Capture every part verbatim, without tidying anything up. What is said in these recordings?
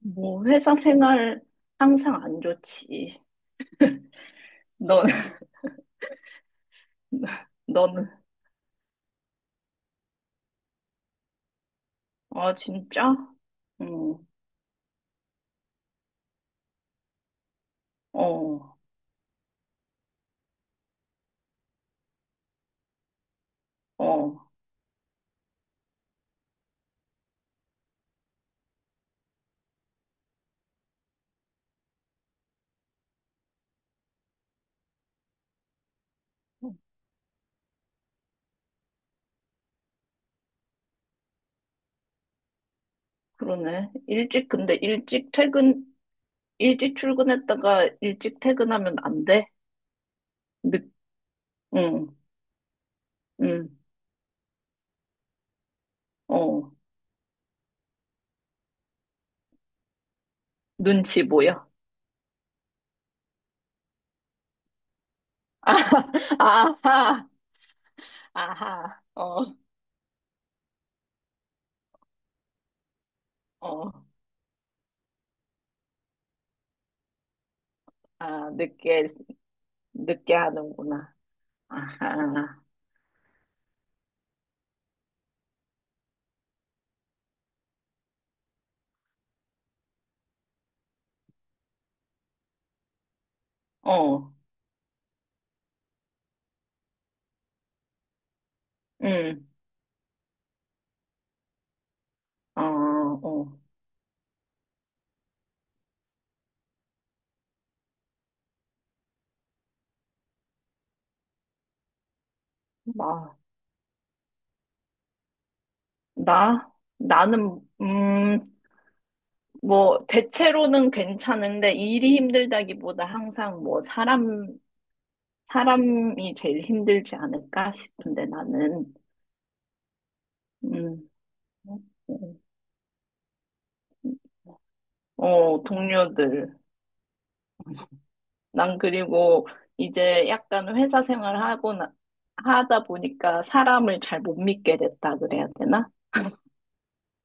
뭐, 회사 생활 항상 안 좋지. 너는, 너는, 아, 진짜? 응, 어, 어, 그러네. 일찍, 근데 일찍 퇴근, 일찍 출근했다가 일찍 퇴근하면 안 돼? 늦, 응, 응, 어, 눈치 보여. 아, 아하, 아하, 어, 어, 아, 늦게, 늦게 하는구나. 아하, 어, 응, 어, 어. 마, 나? 나는, 음, 뭐, 대체로는 괜찮은데, 일이 힘들다기보다 항상 뭐, 사람, 사람이 제일 힘들지 않을까 싶은데, 나는, 음, 어, 동료들. 난 그리고 이제 약간 회사 생활하고, 나, 하다 보니까 사람을 잘 못 믿게 됐다 그래야 되나?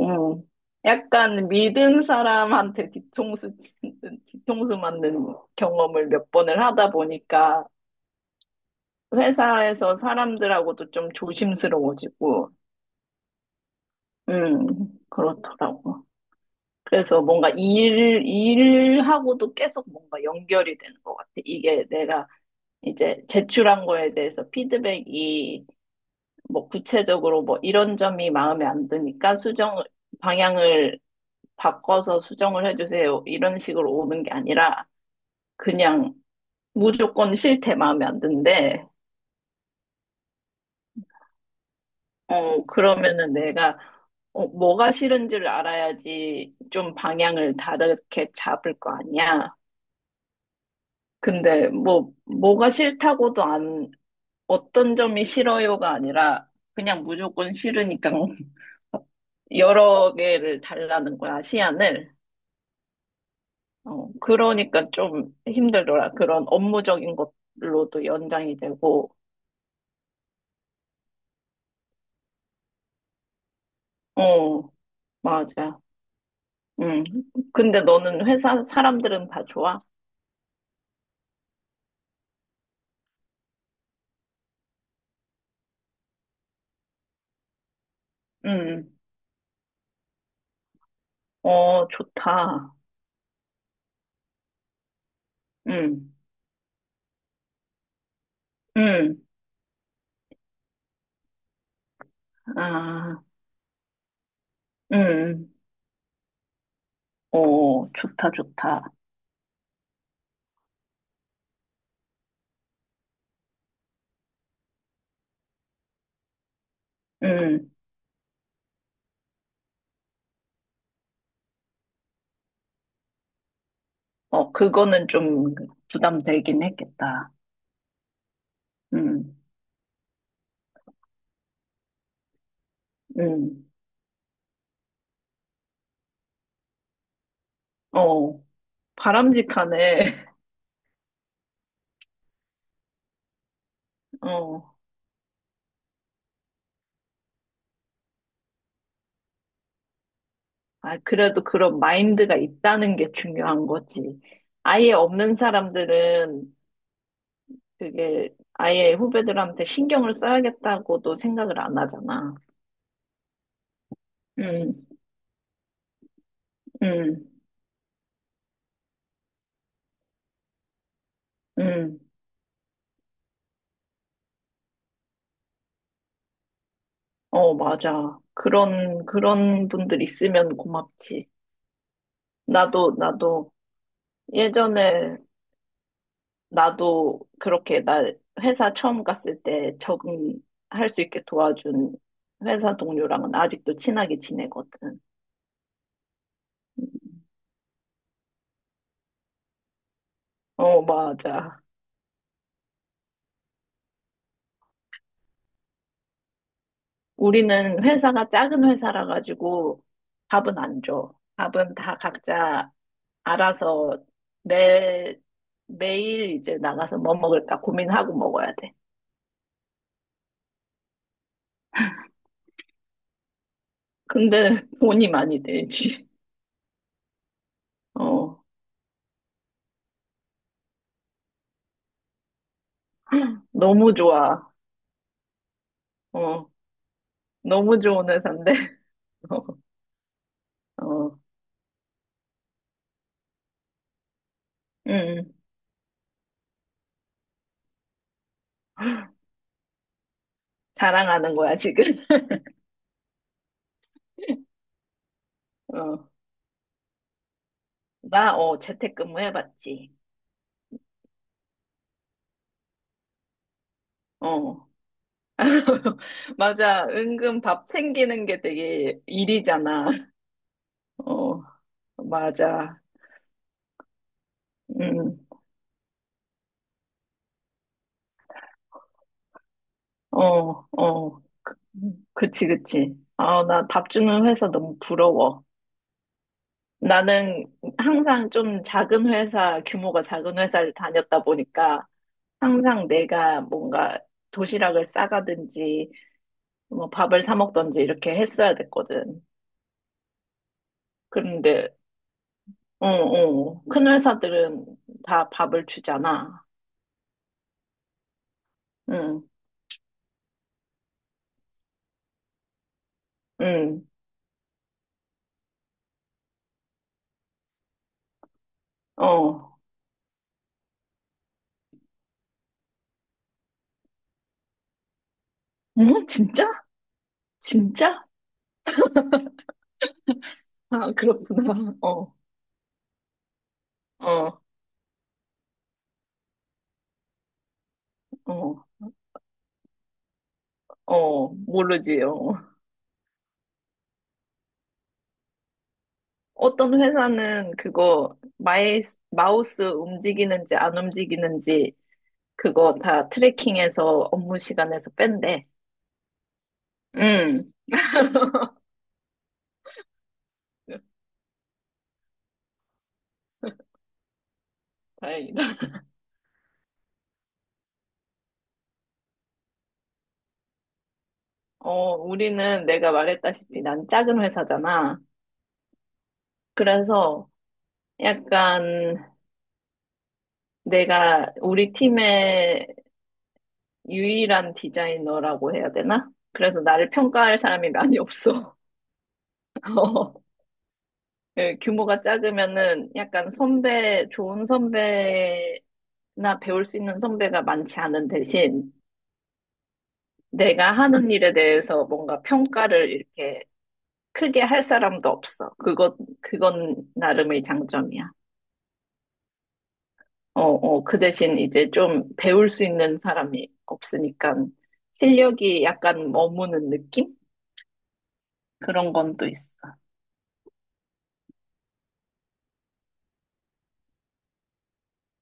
음, 약간 믿은 사람한테 뒤통수, 치는- 뒤통수 맞는 경험을 몇 번을 하다 보니까 회사에서 사람들하고도 좀 조심스러워지고, 음, 그렇더라고. 그래서 뭔가 일, 일하고도 계속 뭔가 연결이 되는 것 같아. 이게 내가 이제 제출한 거에 대해서 피드백이 뭐 구체적으로 뭐 이런 점이 마음에 안 드니까 수정 방향을 바꿔서 수정을 해주세요. 이런 식으로 오는 게 아니라 그냥 무조건 싫대 마음에 안 든대. 어, 그러면은 내가 어, 뭐가 싫은지를 알아야지 좀 방향을 다르게 잡을 거 아니야. 근데 뭐 뭐가 싫다고도 안 어떤 점이 싫어요가 아니라 그냥 무조건 싫으니까 여러 개를 달라는 거야, 시안을. 어, 그러니까 좀 힘들더라. 그런 업무적인 것로도 연장이 되고, 어, 맞아. 음. 근데 너는 회사 사람들은 다 좋아? 음. 어, 좋다. 음. 음. 아, 음. 어, 좋다, 좋다. 음. 어, 그거는 좀 부담되긴 했겠다. 음. 음. 어, 바람직하네. 어, 아, 그래도 그런 마인드가 있다는 게 중요한 거지. 아예 없는 사람들은 그게 아예 후배들한테 신경을 써야겠다고도 생각을 안 하잖아. 음, 음, 음. 어, 맞아. 그런, 그런 분들 있으면 고맙지. 나도, 나도 예전에 나도 그렇게 나 회사 처음 갔을 때 적응할 수 있게 도와준 회사 동료랑은 아직도 친하게 지내거든. 어, 맞아. 우리는 회사가 작은 회사라 가지고 밥은 안 줘. 밥은 다 각자 알아서 매, 매일 이제 나가서 뭐 먹을까 고민하고 먹어야 돼. 근데 돈이 많이 들지. 어, 너무 좋아. 어, 너무 좋은 회사인데. 어, 어, 음, 자랑하는 거야, 지금. 어, 나, 어, 재택근무 해봤지. 어, 맞아. 은근 밥 챙기는 게 되게 일이잖아. 어. 맞아. 음, 어, 어. 그치, 그치. 아, 나 밥 주는 회사 너무 부러워. 나는 항상 좀 작은 회사, 규모가 작은 회사를 다녔다 보니까 항상 내가 뭔가 도시락을 싸가든지 뭐 밥을 사 먹든지 이렇게 했어야 됐거든. 그런데, 어, 어. 큰 회사들은 다 밥을 주잖아. 응, 응, 어. 응? 진짜? 진짜? 아, 그렇구나. 어, 어, 어, 어, 모르지. 어. 어떤 회사는 그거 마이, 마우스 움직이는지 안 움직이는지 그거 다 트래킹해서 업무 시간에서 뺀대. 음, 다행이다. 어, 우리는 내가 말했다시피 난 작은 회사잖아. 그래서 약간 내가 우리 팀의 유일한 디자이너라고 해야 되나? 그래서 나를 평가할 사람이 많이 없어. 예, 규모가 작으면은 약간 선배, 좋은 선배나 배울 수 있는 선배가 많지 않은 대신 내가 하는 일에 대해서 뭔가 평가를 이렇게 크게 할 사람도 없어. 그것, 그건 나름의 장점이야. 어, 어, 그 대신 이제 좀 배울 수 있는 사람이 없으니까 실력이 약간 머무는 느낌? 그런 건 또 있어.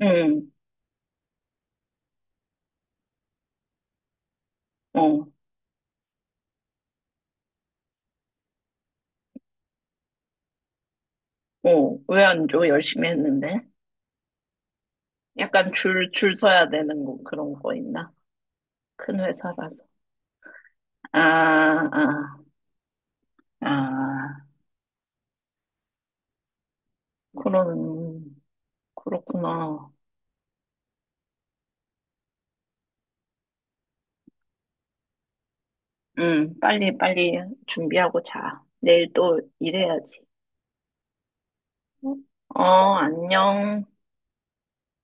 응, 어, 어, 왜 안 줘? 열심히 했는데. 약간 줄, 줄 서야 되는 거, 그런 거 있나? 큰 회사라서. 아, 아, 아, 그런, 그렇구나. 응, 빨리, 빨리 준비하고 자. 내일 또 일해야지. 어, 안녕.